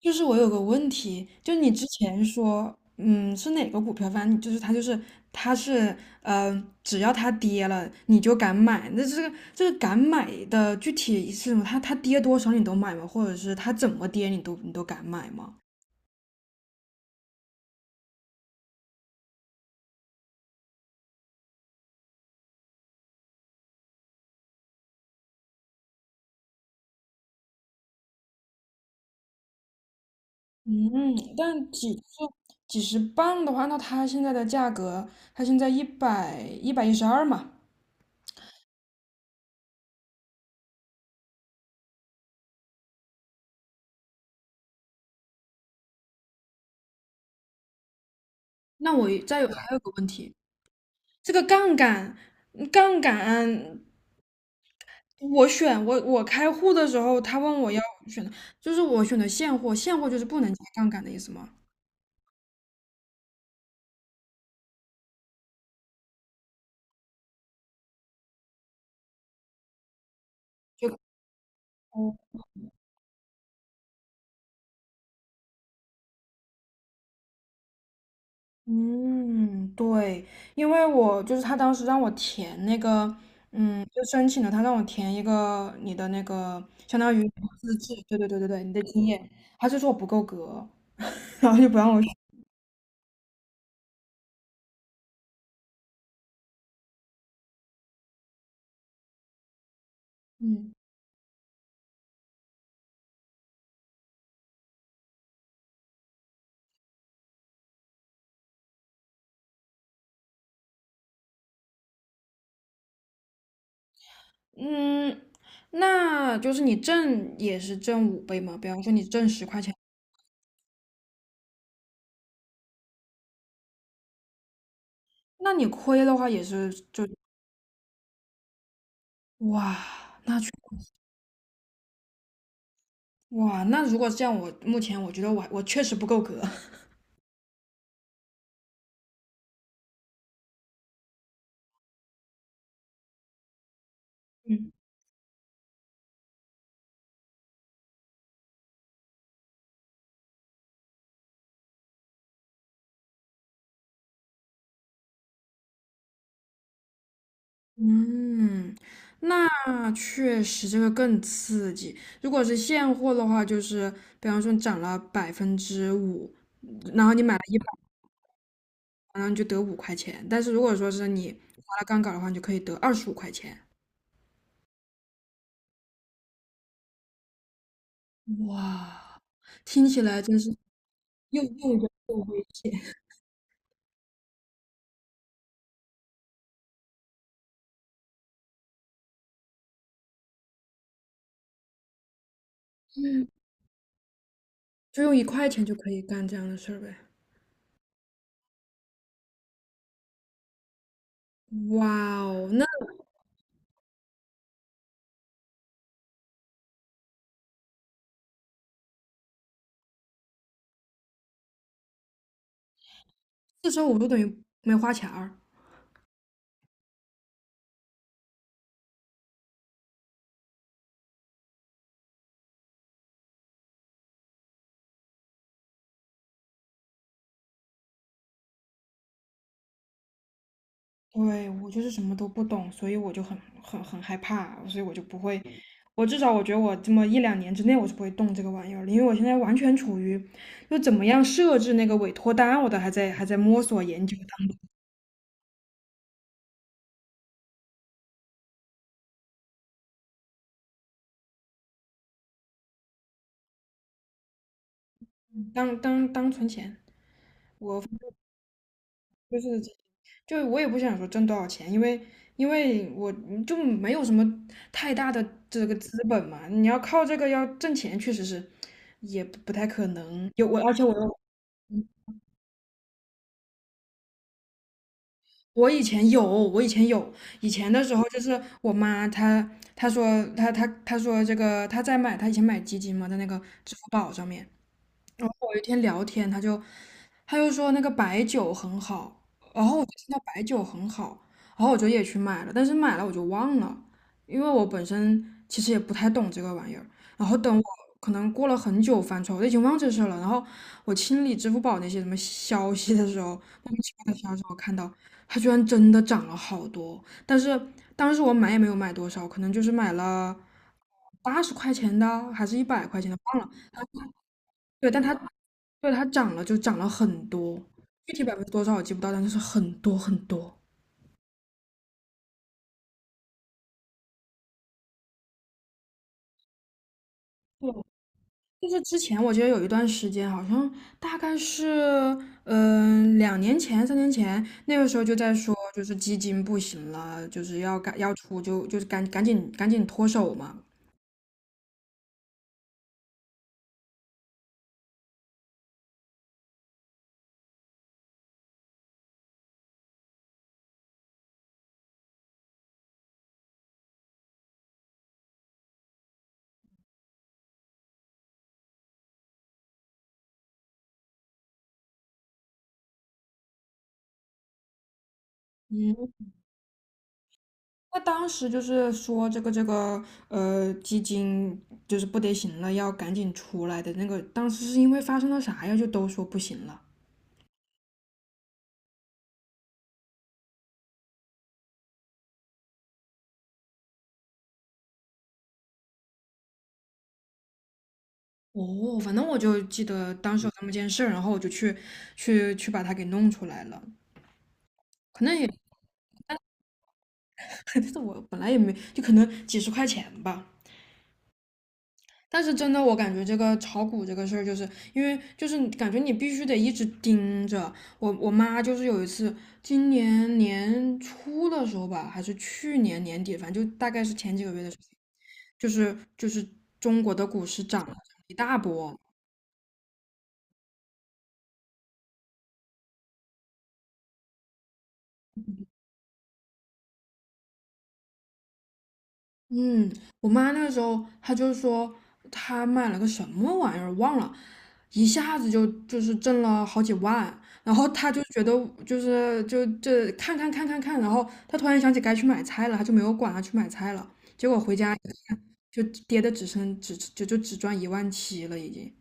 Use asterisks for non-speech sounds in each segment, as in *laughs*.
就是我有个问题，就你之前说，是哪个股票？反正你就是它，就是它是，只要它跌了，你就敢买。那这个敢买的具体是什么？它跌多少你都买吗？或者是它怎么跌你都敢买吗？嗯，但几十磅的话，那它现在的价格，它现在一百一十二嘛。那我还有个问题，这个杠杆，嗯杠杆我选我我开户的时候，他问我要选的，就是我选的现货，现货就是不能加杠杆的意思吗？就哦，嗯，对。因为我就是他当时让我填那个，就申请了，他让我填一个你的那个，相当于资质，对对对对对，你的经验，他就说我不够格，*laughs* 然后就不让我选 *laughs*。嗯嗯，那就是你挣也是挣5倍嘛，比方说你挣十块钱，那你亏的话也是。哇，那确哇，那如果是这样，我目前我觉得我确实不够格。*laughs* 嗯，嗯，那确实这个更刺激。如果是现货的话，就是比方说你涨了5%，然后你买了一百，然后你就得五块钱。但是如果说是你划了杠杆的话，你就可以得25块钱。哇，听起来真是又危险，*laughs* 就用1块钱就可以干这样的事儿呗。哇哦，四时五我就等于没花钱儿。对，我就是什么都不懂，所以我就很害怕，所以我就不会，我至少我觉得我这么一两年之内我是不会动这个玩意儿的，因为我现在完全处于就怎么样设置那个委托单，我都还在摸索研究。当存钱。我就是就我也不想说挣多少钱，因为我就没有什么太大的这个资本嘛，你要靠这个要挣钱，确实是也不太可能，有我而且我又我以前有。以前的时候就是我妈她她说她她她说她以前买基金嘛，在那个支付宝上面。然后有一天聊天，他就说那个白酒很好，然后我就听到白酒很好，然后我就也去买了，但是买了我就忘了，因为我本身其实也不太懂这个玩意儿。然后等我可能过了很久翻出来，我都已经忘这事儿了。然后我清理支付宝那些什么消息的时候，莫名其妙的消息我看到它居然真的涨了好多，但是当时我买也没有买多少，可能就是买了80块钱的还是100块钱的，忘了。对，对，它涨了，就涨了很多，具体百分之多少我记不到，但就是很多很多。对，就是之前我记得有一段时间，好像大概是2年前、3年前，那个时候就在说，就是基金不行了，就是要出就是赶紧脱手嘛。嗯，那当时就是说这个基金就是不得行了，要赶紧出来的那个，当时是因为发生了啥呀？就都说不行了。哦，反正我就记得当时有那么件事儿，然后我就去把它给弄出来了。可能也，*laughs* 但是我本来也没，就可能几十块钱吧。但是真的，我感觉这个炒股这个事儿，就是因为就是感觉你必须得一直盯着。我妈就是有一次，今年年初的时候吧，还是去年年底，反正就大概是前几个月的事情，就是中国的股市涨了一大波。嗯，我妈那个时候她就说她买了个什么玩意儿忘了，一下子就挣了好几万，然后她就觉得就是就这看看，然后她突然想起该去买菜了，她就没有管她去买菜了，结果回家就跌的只剩只就就只赚1.7万了已经。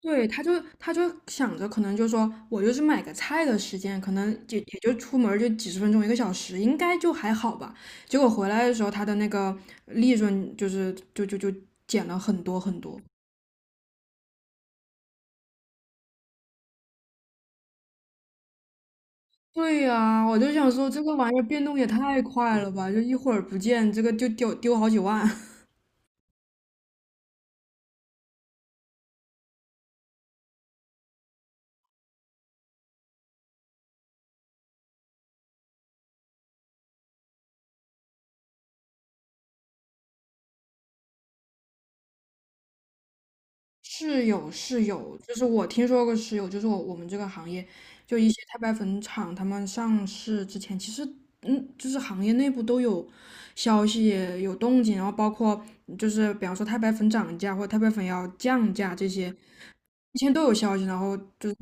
对，他就想着，可能就说我就是买个菜的时间，可能也就出门儿就几十分钟一个小时，应该就还好吧。结果回来的时候，他的那个利润就是就就就减了很多很多。对呀，我就想说这个玩意儿变动也太快了吧，就一会儿不见，这个就丢好几万。是有是有，就是我听说过是有，就是我们这个行业，就一些太白粉厂，他们上市之前，其实就是行业内部都有消息有动静，然后包括就是比方说太白粉涨价或者太白粉要降价这些，以前都有消息，然后就。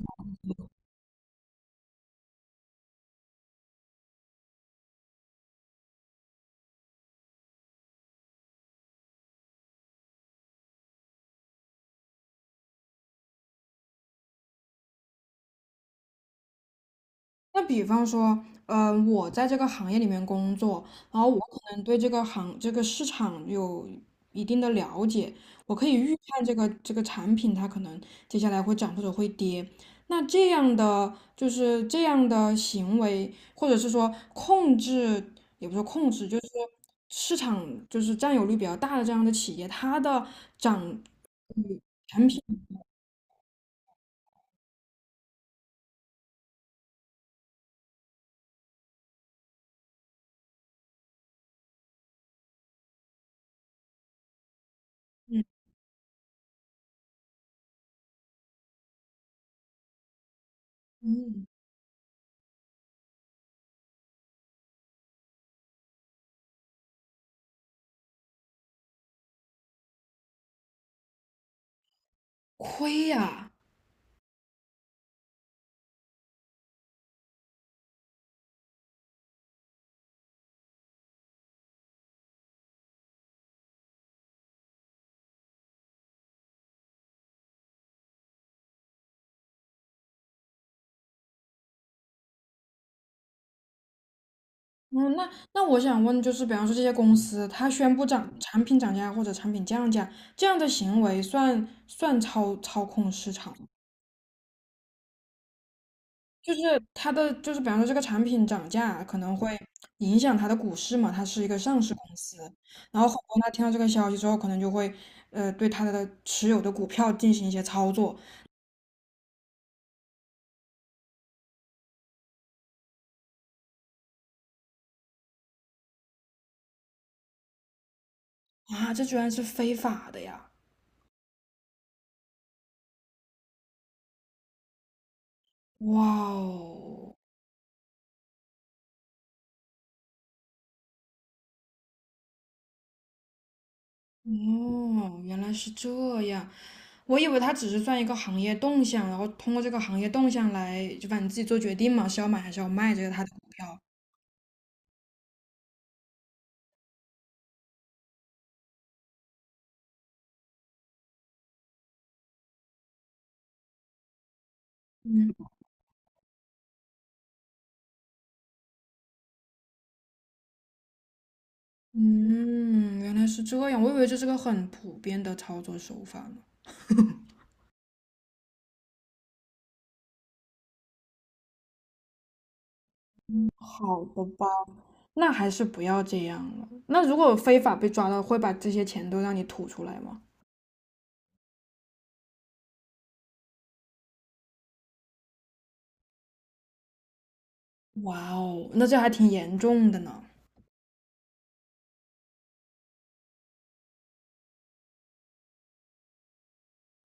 那比方说，我在这个行业里面工作，然后我可能对这个市场有一定的了解，我可以预判这个产品它可能接下来会涨或者会跌。那这样的就是这样的行为，或者是说控制，也不是说控制，就是说市场就是占有率比较大的这样的企业，它的涨。嗯嗯，亏呀、嗯，那我想问，就是比方说这些公司，它宣布产品涨价或者产品降价，这样的行为算操控市场吗？就是它的，就是比方说这个产品涨价可能会影响它的股市嘛，它是一个上市公司，然后很多人他听到这个消息之后，可能就会对他的持有的股票进行一些操作。啊，这居然是非法的呀！哇哦，哦，原来是这样。我以为它只是算一个行业动向，然后通过这个行业动向来，就反正自己做决定嘛，是要买还是要卖这个它的股票。嗯，原来是这样，我以为这是个很普遍的操作手法呢。好的吧，那还是不要这样了。那如果非法被抓到，会把这些钱都让你吐出来吗？哇哦，那这还挺严重的呢。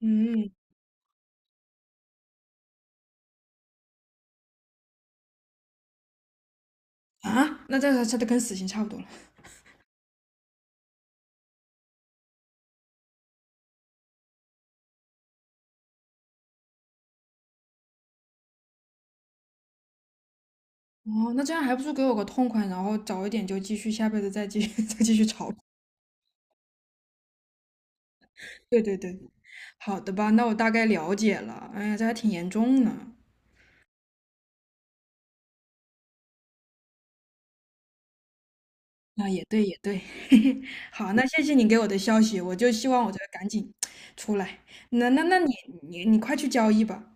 嗯，啊，那这跟死刑差不多了。哦，那这样还不如给我个痛快，然后早一点就继续，下辈子再继续 *laughs* 再继续炒。*laughs* 对对对。好的吧，那我大概了解了。哎呀，这还挺严重呢。那也对，也对。*laughs* 好，那谢谢你给我的消息，我就希望我这个赶紧出来。那你快去交易吧。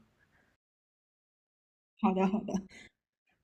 好的，好的。